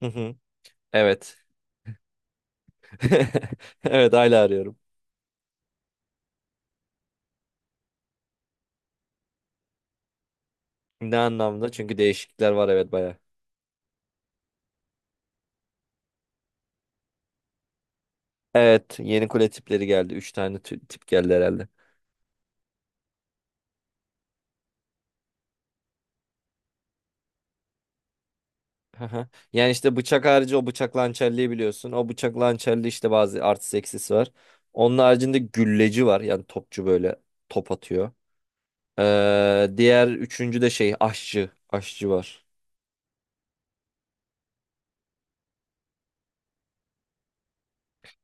Hı hı. Evet. Evet hala arıyorum. Ne anlamda? Çünkü değişiklikler var, evet, baya. Evet, yeni kule tipleri geldi. Üç tane tip geldi herhalde. Hı. Yani işte bıçak harici o bıçak hançerliği biliyorsun. O bıçak hançerliği işte bazı artı eksisi var. Onun haricinde gülleci var. Yani topçu böyle top atıyor. Diğer üçüncü de şey aşçı. Aşçı var.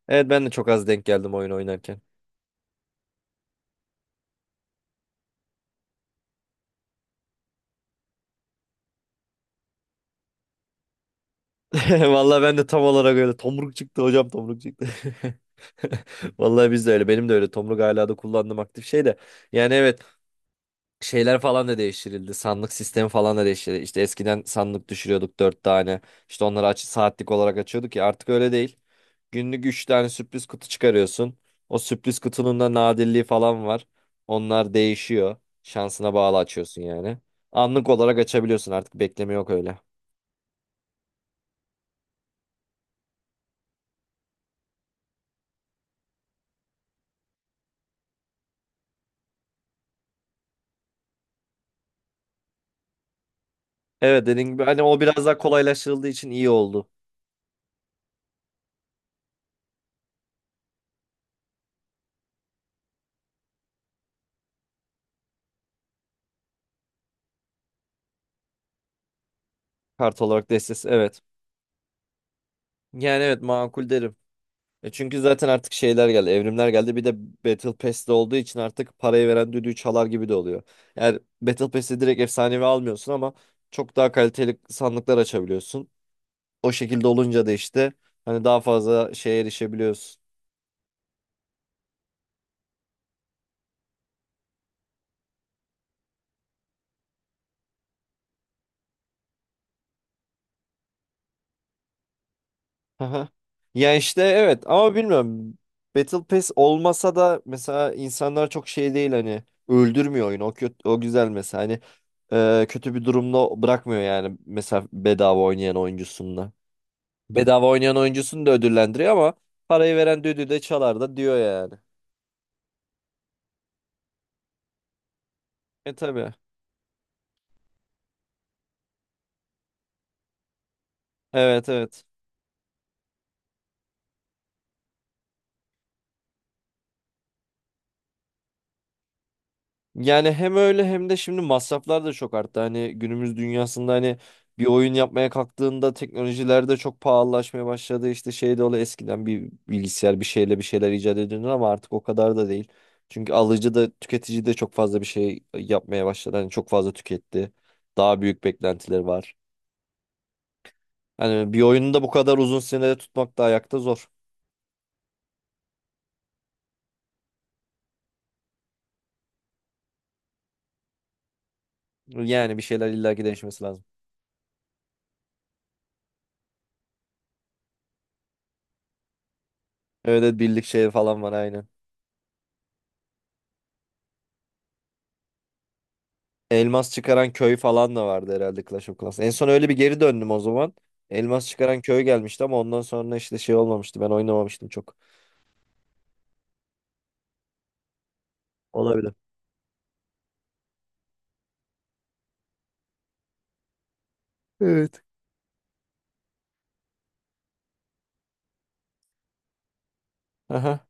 Evet, ben de çok az denk geldim oyun oynarken. Vallahi ben de tam olarak öyle. Tomruk çıktı hocam, tomruk çıktı. Vallahi biz de öyle. Benim de öyle. Tomruk hala da kullandığım aktif şey de. Yani evet, şeyler falan da değiştirildi. Sandık sistemi falan da değiştirildi. İşte eskiden sandık düşürüyorduk dört tane. İşte onları aç saatlik olarak açıyorduk ya, artık öyle değil. Günlük üç tane sürpriz kutu çıkarıyorsun. O sürpriz kutunun da nadirliği falan var. Onlar değişiyor. Şansına bağlı açıyorsun yani. Anlık olarak açabiliyorsun, artık bekleme yok öyle. Evet, dediğim gibi hani o biraz daha kolaylaştırıldığı için iyi oldu. Kart olarak destesi evet. Yani evet, makul derim. E çünkü zaten artık şeyler geldi, evrimler geldi. Bir de Battle Pass'te olduğu için artık parayı veren düdüğü çalar gibi de oluyor. Yani Battle Pass'te direkt efsanevi almıyorsun ama çok daha kaliteli sandıklar açabiliyorsun. O şekilde olunca da işte hani daha fazla şeye erişebiliyorsun. Aha. Ya işte evet, ama bilmiyorum. Battle Pass olmasa da mesela insanlar çok şey değil, hani öldürmüyor oyunu. O kötü, o güzel mesela. Hani kötü bir durumda bırakmıyor yani mesela bedava oynayan oyuncusunda. Bedava oynayan oyuncusunu da ödüllendiriyor ama parayı veren düdüğü de çalar da diyor yani. E tabii. Evet, evet. Yani hem öyle hem de şimdi masraflar da çok arttı. Hani günümüz dünyasında hani bir oyun yapmaya kalktığında teknolojiler de çok pahalılaşmaya başladı. İşte şey de oluyor, eskiden bir bilgisayar bir şeyle bir şeyler icat ediyordu ama artık o kadar da değil. Çünkü alıcı da tüketici de çok fazla bir şey yapmaya başladı. Hani çok fazla tüketti. Daha büyük beklentileri var. Hani bir oyunu da bu kadar uzun sürede tutmak da ayakta zor. Yani bir şeyler illaki değişmesi lazım. Evet, evet, birlik şey falan var, aynen. Elmas çıkaran köy falan da vardı herhalde Clash of Clans. En son öyle bir geri döndüm o zaman. Elmas çıkaran köy gelmişti ama ondan sonra işte şey olmamıştı. Ben oynamamıştım çok. Olabilir. Evet. Aha.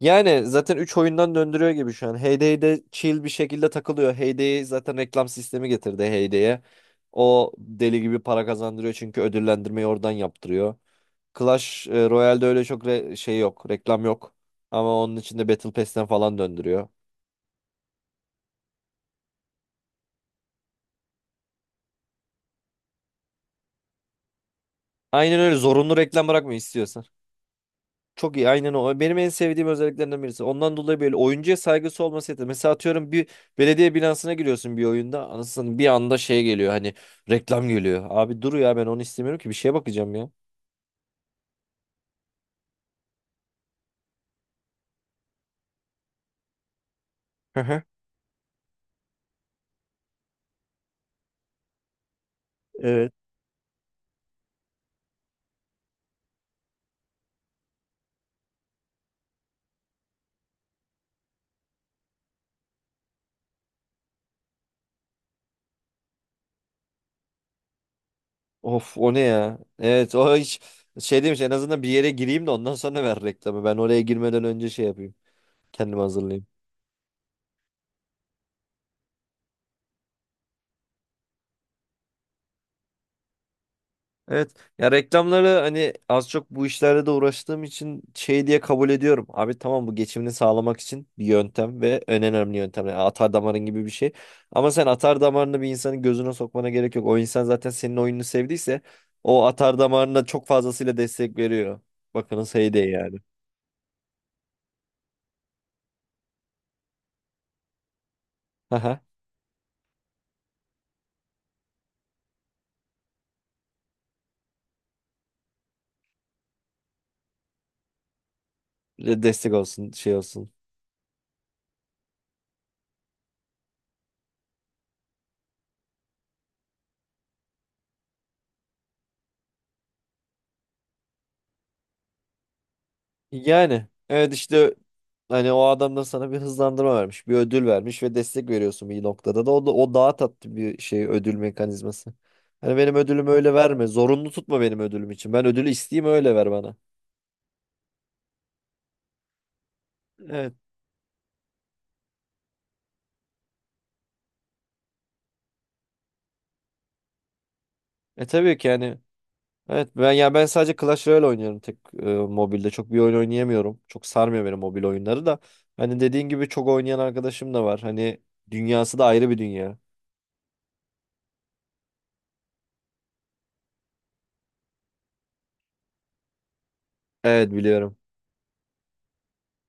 Yani zaten 3 oyundan döndürüyor gibi şu an. Heyday'de chill bir şekilde takılıyor. Heyday zaten reklam sistemi getirdi Heyday'e. O deli gibi para kazandırıyor çünkü ödüllendirmeyi oradan yaptırıyor. Clash Royale'de öyle çok şey yok, reklam yok. Ama onun içinde Battle Pass'ten falan döndürüyor. Aynen, öyle zorunlu reklam bırakmıyor istiyorsan. Çok iyi, aynen o. Benim en sevdiğim özelliklerinden birisi. Ondan dolayı böyle oyuncuya saygısı olması yeter. Mesela atıyorum bir belediye binasına giriyorsun bir oyunda. Anasını, bir anda şey geliyor hani reklam geliyor. Abi dur ya, ben onu istemiyorum ki, bir şeye bakacağım ya. Hı hı. Evet. Of, o ne ya? Evet, o hiç şey demiş, en azından bir yere gireyim de ondan sonra ver reklamı. Ben oraya girmeden önce şey yapayım. Kendimi hazırlayayım. Evet. Ya reklamları hani az çok bu işlerle de uğraştığım için şey diye kabul ediyorum. Abi tamam, bu geçimini sağlamak için bir yöntem ve en önemli yöntem. Yani atar damarın gibi bir şey. Ama sen atar damarını bir insanın gözüne sokmana gerek yok. O insan zaten senin oyununu sevdiyse o atar damarına çok fazlasıyla destek veriyor. Bakınız hey de yani. Haha. Destek olsun, şey olsun. Yani evet işte hani o adam da sana bir hızlandırma vermiş, bir ödül vermiş ve destek veriyorsun bir noktada da o, da, o daha tatlı bir şey ödül mekanizması. Hani benim ödülümü öyle verme, zorunlu tutma benim ödülüm için. Ben ödülü isteyeyim, öyle ver bana. Evet. E tabii ki yani evet, ben yani ben sadece Clash Royale oynuyorum tek mobilde. Çok bir oyun oynayamıyorum. Çok sarmıyor beni mobil oyunları da. Hani dediğin gibi çok oynayan arkadaşım da var. Hani dünyası da ayrı bir dünya. Evet, biliyorum.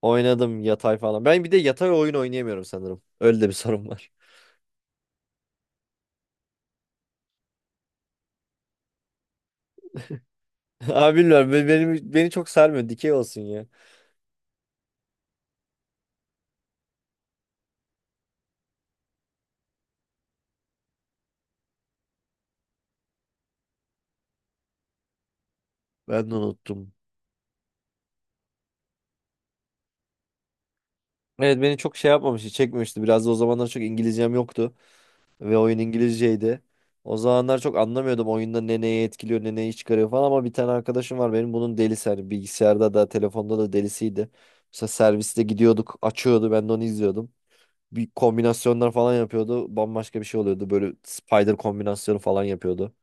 Oynadım yatay falan. Ben bir de yatay oyun oynayamıyorum sanırım. Öyle de bir sorun var. Abi bilmiyorum. Benim, beni çok sarmıyor. Dikey olsun ya. Ben de unuttum. Evet, beni çok şey yapmamıştı. Çekmemişti. Biraz da o zamanlar çok İngilizcem yoktu. Ve oyun İngilizceydi. O zamanlar çok anlamıyordum oyunda ne neyi etkiliyor ne neyi çıkarıyor falan ama bir tane arkadaşım var benim bunun delisi, hani bilgisayarda da telefonda da delisiydi. Mesela serviste gidiyorduk açıyordu, ben de onu izliyordum. Bir kombinasyonlar falan yapıyordu, bambaşka bir şey oluyordu, böyle spider kombinasyonu falan yapıyordu.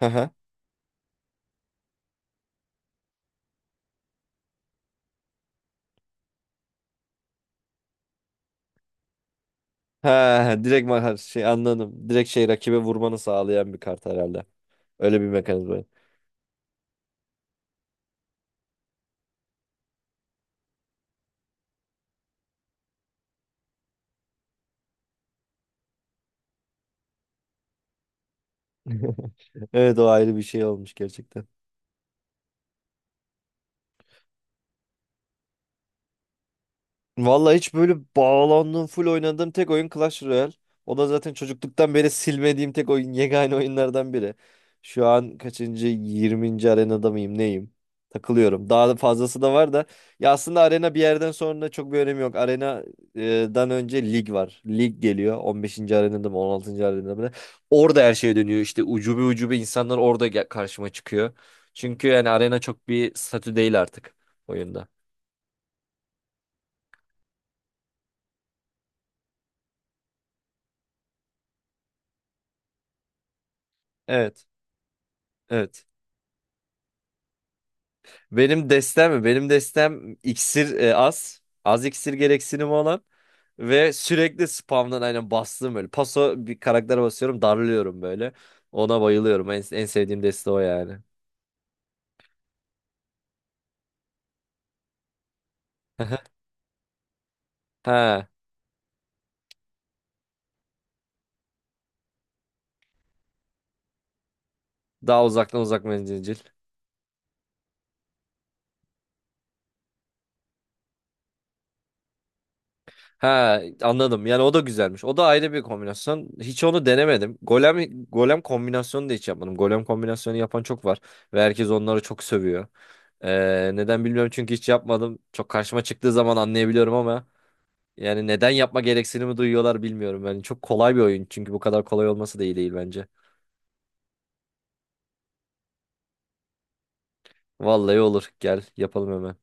Ha, direkt makar şey anladım. Direkt şey rakibe vurmanı sağlayan bir kart herhalde. Öyle bir mekanizma. Evet, o ayrı bir şey olmuş gerçekten. Vallahi hiç böyle bağlandığım, full oynadığım tek oyun Clash Royale. O da zaten çocukluktan beri silmediğim tek oyun, yegane oyunlardan biri. Şu an kaçıncı, 20. arenada mıyım, neyim? Takılıyorum. Daha da fazlası da var da. Ya aslında arena bir yerden sonra çok bir önemi yok. Arenadan önce lig var. Lig geliyor. 15. arenada mı, 16. arenada mı? Orada her şey dönüyor. İşte ucube ucube insanlar orada karşıma çıkıyor. Çünkü yani arena çok bir statü değil artık oyunda. Evet. Evet. Benim destem mi? Benim destem iksir az. Az iksir gereksinimi olan. Ve sürekli spamdan aynen bastığım böyle. Paso bir karaktere basıyorum, darlıyorum böyle. Ona bayılıyorum. En, en sevdiğim deste o yani. Ha, daha uzaktan, uzak menzilcil. Ha, anladım. Yani o da güzelmiş. O da ayrı bir kombinasyon. Hiç onu denemedim. Golem golem kombinasyonu da hiç yapmadım. Golem kombinasyonu yapan çok var ve herkes onları çok sövüyor. Neden bilmiyorum çünkü hiç yapmadım. Çok karşıma çıktığı zaman anlayabiliyorum ama yani neden yapma gereksinimi duyuyorlar bilmiyorum. Yani çok kolay bir oyun. Çünkü bu kadar kolay olması da iyi değil bence. Vallahi olur. Gel yapalım hemen.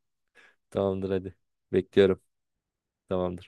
Tamamdır hadi. Bekliyorum. Tamamdır.